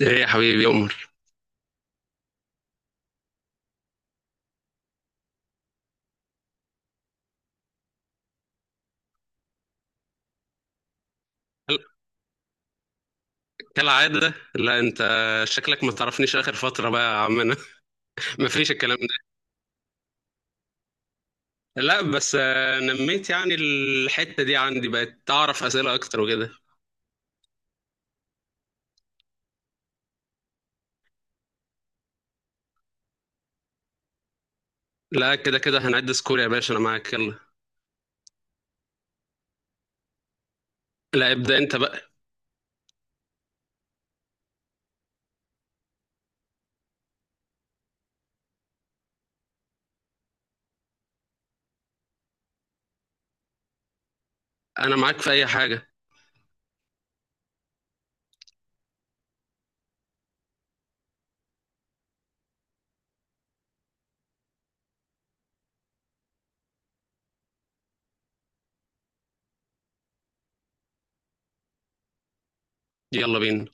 ايه يا حبيبي يا عمر. كالعادة، لا. انت شكلك ما تعرفنيش اخر فترة بقى يا عمنا. ما فيش الكلام ده. لا بس نميت يعني الحتة دي عندي، بقت اعرف اسئلة اكتر وكده. لا، كده كده هنعد سكور يا باشا، انا معاك يلا. لا ابدأ انت بقى. انا معاك في اي حاجة. يلا بينا.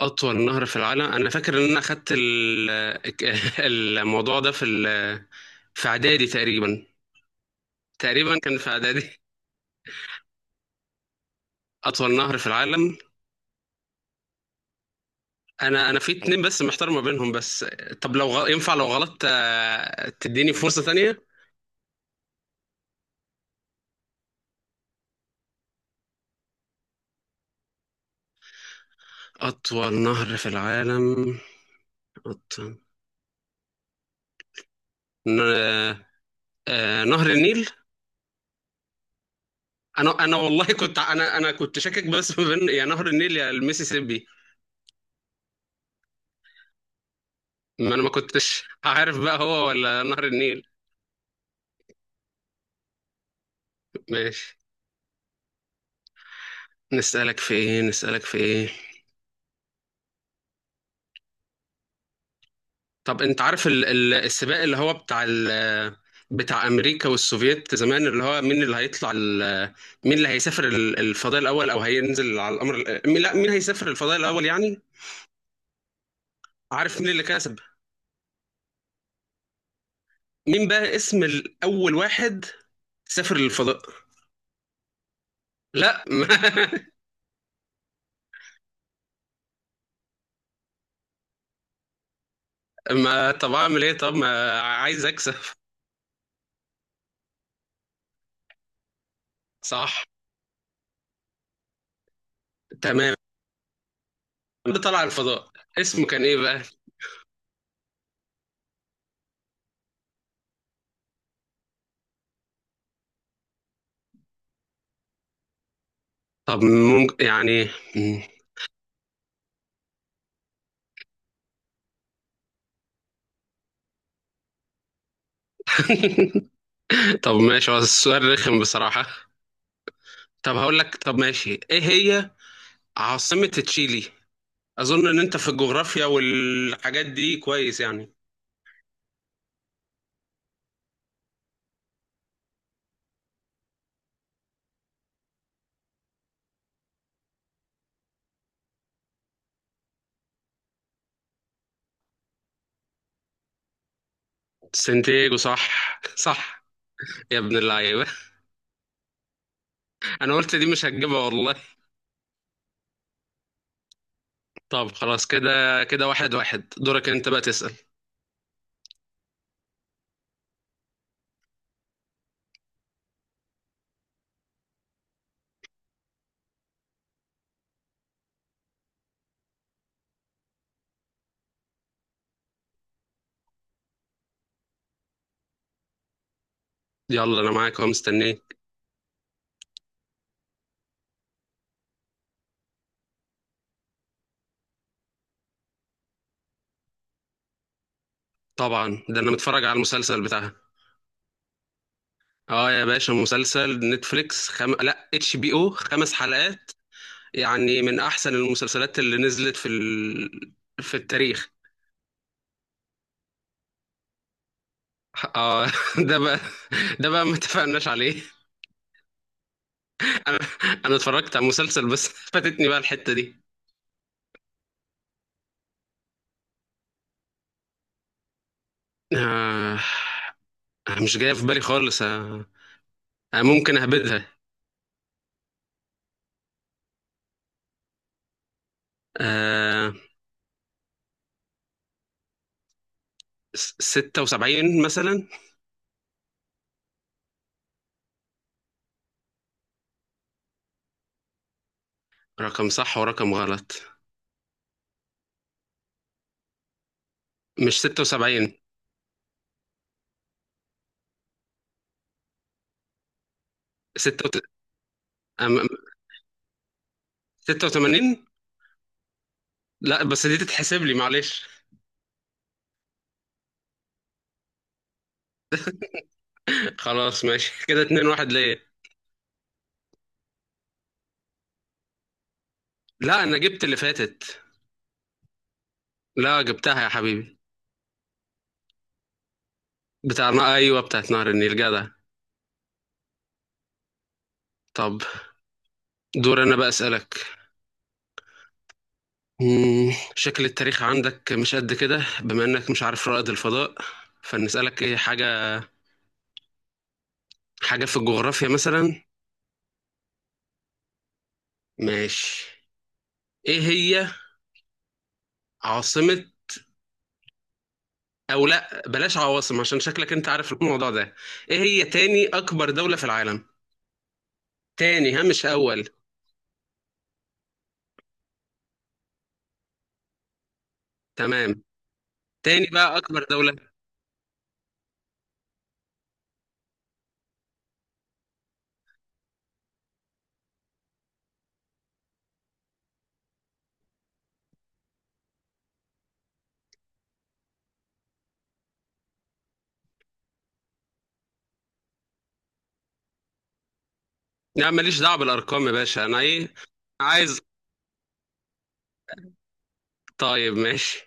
اطول نهر في العالم؟ انا فاكر ان انا اخدت الموضوع ده في في اعدادي تقريبا. تقريبا كان في اعدادي. اطول نهر في العالم. انا في اتنين بس محتار ما بينهم. بس طب لو ينفع لو غلطت تديني فرصة تانية؟ اطول نهر في العالم. أطول... ن... آه، نهر النيل. انا والله كنت، انا كنت شاكك، بس ما بين يا نهر النيل يا الميسيسيبي. ما انا ما كنتش عارف بقى هو ولا نهر النيل. ماشي. نسألك في ايه؟ طب انت عارف السباق اللي هو بتاع بتاع امريكا والسوفييت زمان، اللي هو مين اللي هيطلع مين اللي هيسافر الفضاء الاول، او هينزل على القمر؟ لا، مين هيسافر الفضاء الاول يعني. عارف مين اللي كسب؟ مين بقى اسم الاول واحد سافر للفضاء؟ لا ما طب اعمل ايه، طب ما عايز اكسب. صح. تمام. اللي طلع الفضاء اسمه كان ايه بقى؟ طب ممكن يعني. طب ماشي، هو السؤال رخم بصراحة. طب هقول لك، طب ماشي، ايه هي عاصمة تشيلي؟ اظن ان انت في الجغرافيا والحاجات دي كويس يعني. سانتياغو صح. صح. يا ابن اللعيبة، انا قلت دي مش هتجيبها والله. طب خلاص كده كده، واحد واحد. دورك انت بقى تسأل. يلا انا معاك اهو مستنيك. طبعا، ده انا متفرج على المسلسل بتاعها. اه يا باشا، مسلسل نتفليكس، لا اتش بي او، خمس حلقات. يعني من احسن المسلسلات اللي نزلت في في التاريخ. اه ده بقى، ده بقى ما اتفقناش عليه. انا انا اتفرجت على مسلسل بس فاتتني بقى الحتة دي. آه، مش جاية في بالي خالص. آه، ممكن اهبدها. آه، 76 مثلا. رقم صح ورقم غلط. مش 76. ستة أم- 86. لا بس دي تتحسب لي معلش. خلاص ماشي كده، 2-1 ليا. لا انا جبت اللي فاتت. لا جبتها يا حبيبي. ايوه بتاعت نهر النيل، جدع. طب دور انا بقى اسالك. شكل التاريخ عندك مش قد كده، بما انك مش عارف رائد الفضاء. فنسألك ايه حاجة، حاجة في الجغرافيا مثلا. ماشي. ايه هي عاصمة، او لا بلاش عواصم عشان شكلك انت عارف الموضوع ده. ايه هي تاني اكبر دولة في العالم؟ تاني ها، مش اول. تمام. تاني بقى اكبر دولة. لا ماليش دعوة بالارقام يا باشا، انا ايه عايز. طيب ماشي.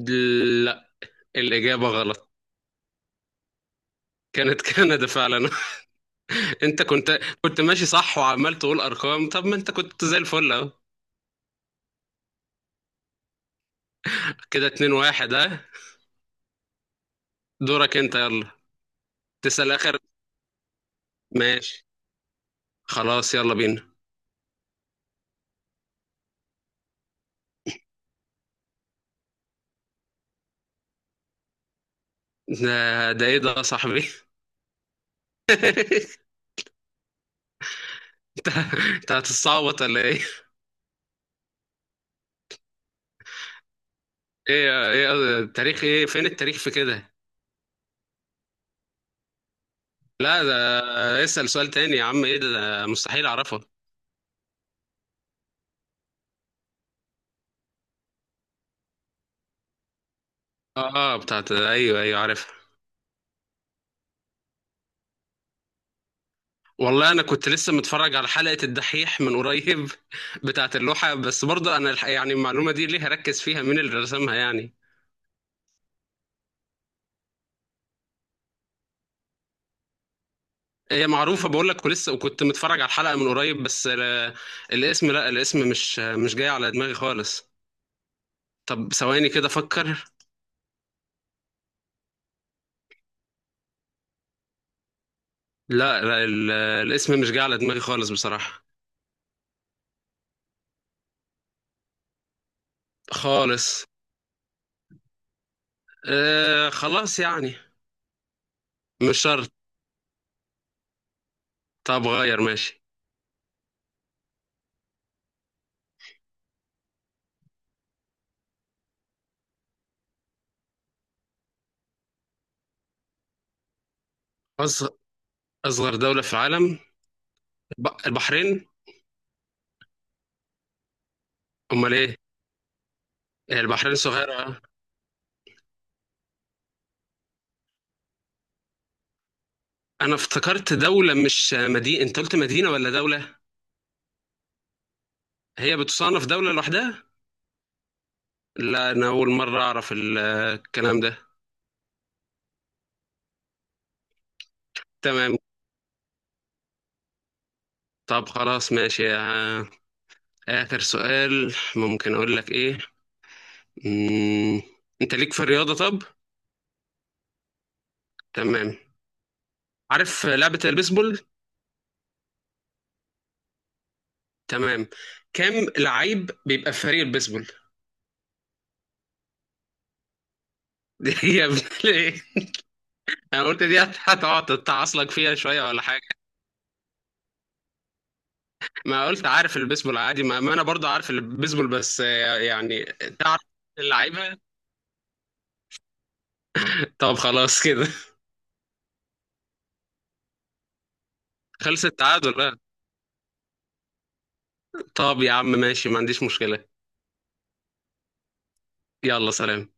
لا الإجابة غلط. كانت كندا فعلا. انت كنت ماشي صح، وعمال تقول ارقام. طب ما انت كنت زي الفل اهو. كده اتنين واحد، اه. دورك انت يلا. تسأل اخر. ماشي. خلاص يلا بينا. ده ايه ده يا صاحبي؟ انت انت هتتصعبط ولا ايه؟ ايه التاريخ، ايه فين التاريخ في كده؟ لا ده، اسأل سؤال تاني يا عم، ايه ده، ده مستحيل اعرفه. اه بتاعت، ايوه ايوه، عارف. والله انا كنت لسه متفرج على حلقة الدحيح من قريب بتاعة اللوحة، بس برضه انا الحقيقة يعني، المعلومة دي ليه هركز فيها مين اللي رسمها يعني؟ هي معروفة بقول لك، ولسه وكنت متفرج على الحلقة من قريب، بس الاسم، لا الاسم مش جاي على دماغي خالص. طب ثواني كده افكر. لا لا، الاسم مش جاي على دماغي خالص بصراحة. خالص. آه خلاص يعني. مش شرط. طب غير، ماشي. أصغر أصغر دولة في العالم. البحرين. أمال إيه؟ البحرين صغيرة. انا افتكرت دولة مش مدينة، انت قلت مدينة ولا دولة؟ هي بتصنف دولة لوحدها. لا انا اول مرة اعرف الكلام ده. تمام. طب خلاص ماشي، اخر سؤال ممكن اقول لك ايه. مم. انت ليك في الرياضة طب؟ تمام. عارف لعبة البيسبول؟ تمام. كام لعيب بيبقى في فريق البيسبول؟ دي هي بت- انا قلت دي هتقعد تتعصلك فيها شوية ولا حاجة. ما قلت عارف البيسبول عادي، ما انا برضه عارف البيسبول، بس يعني. تعرف اللعيبه. طب خلاص كده. خلص التعادل، آه. طب يا عم ماشي، ما عنديش مشكله. يلا سلام.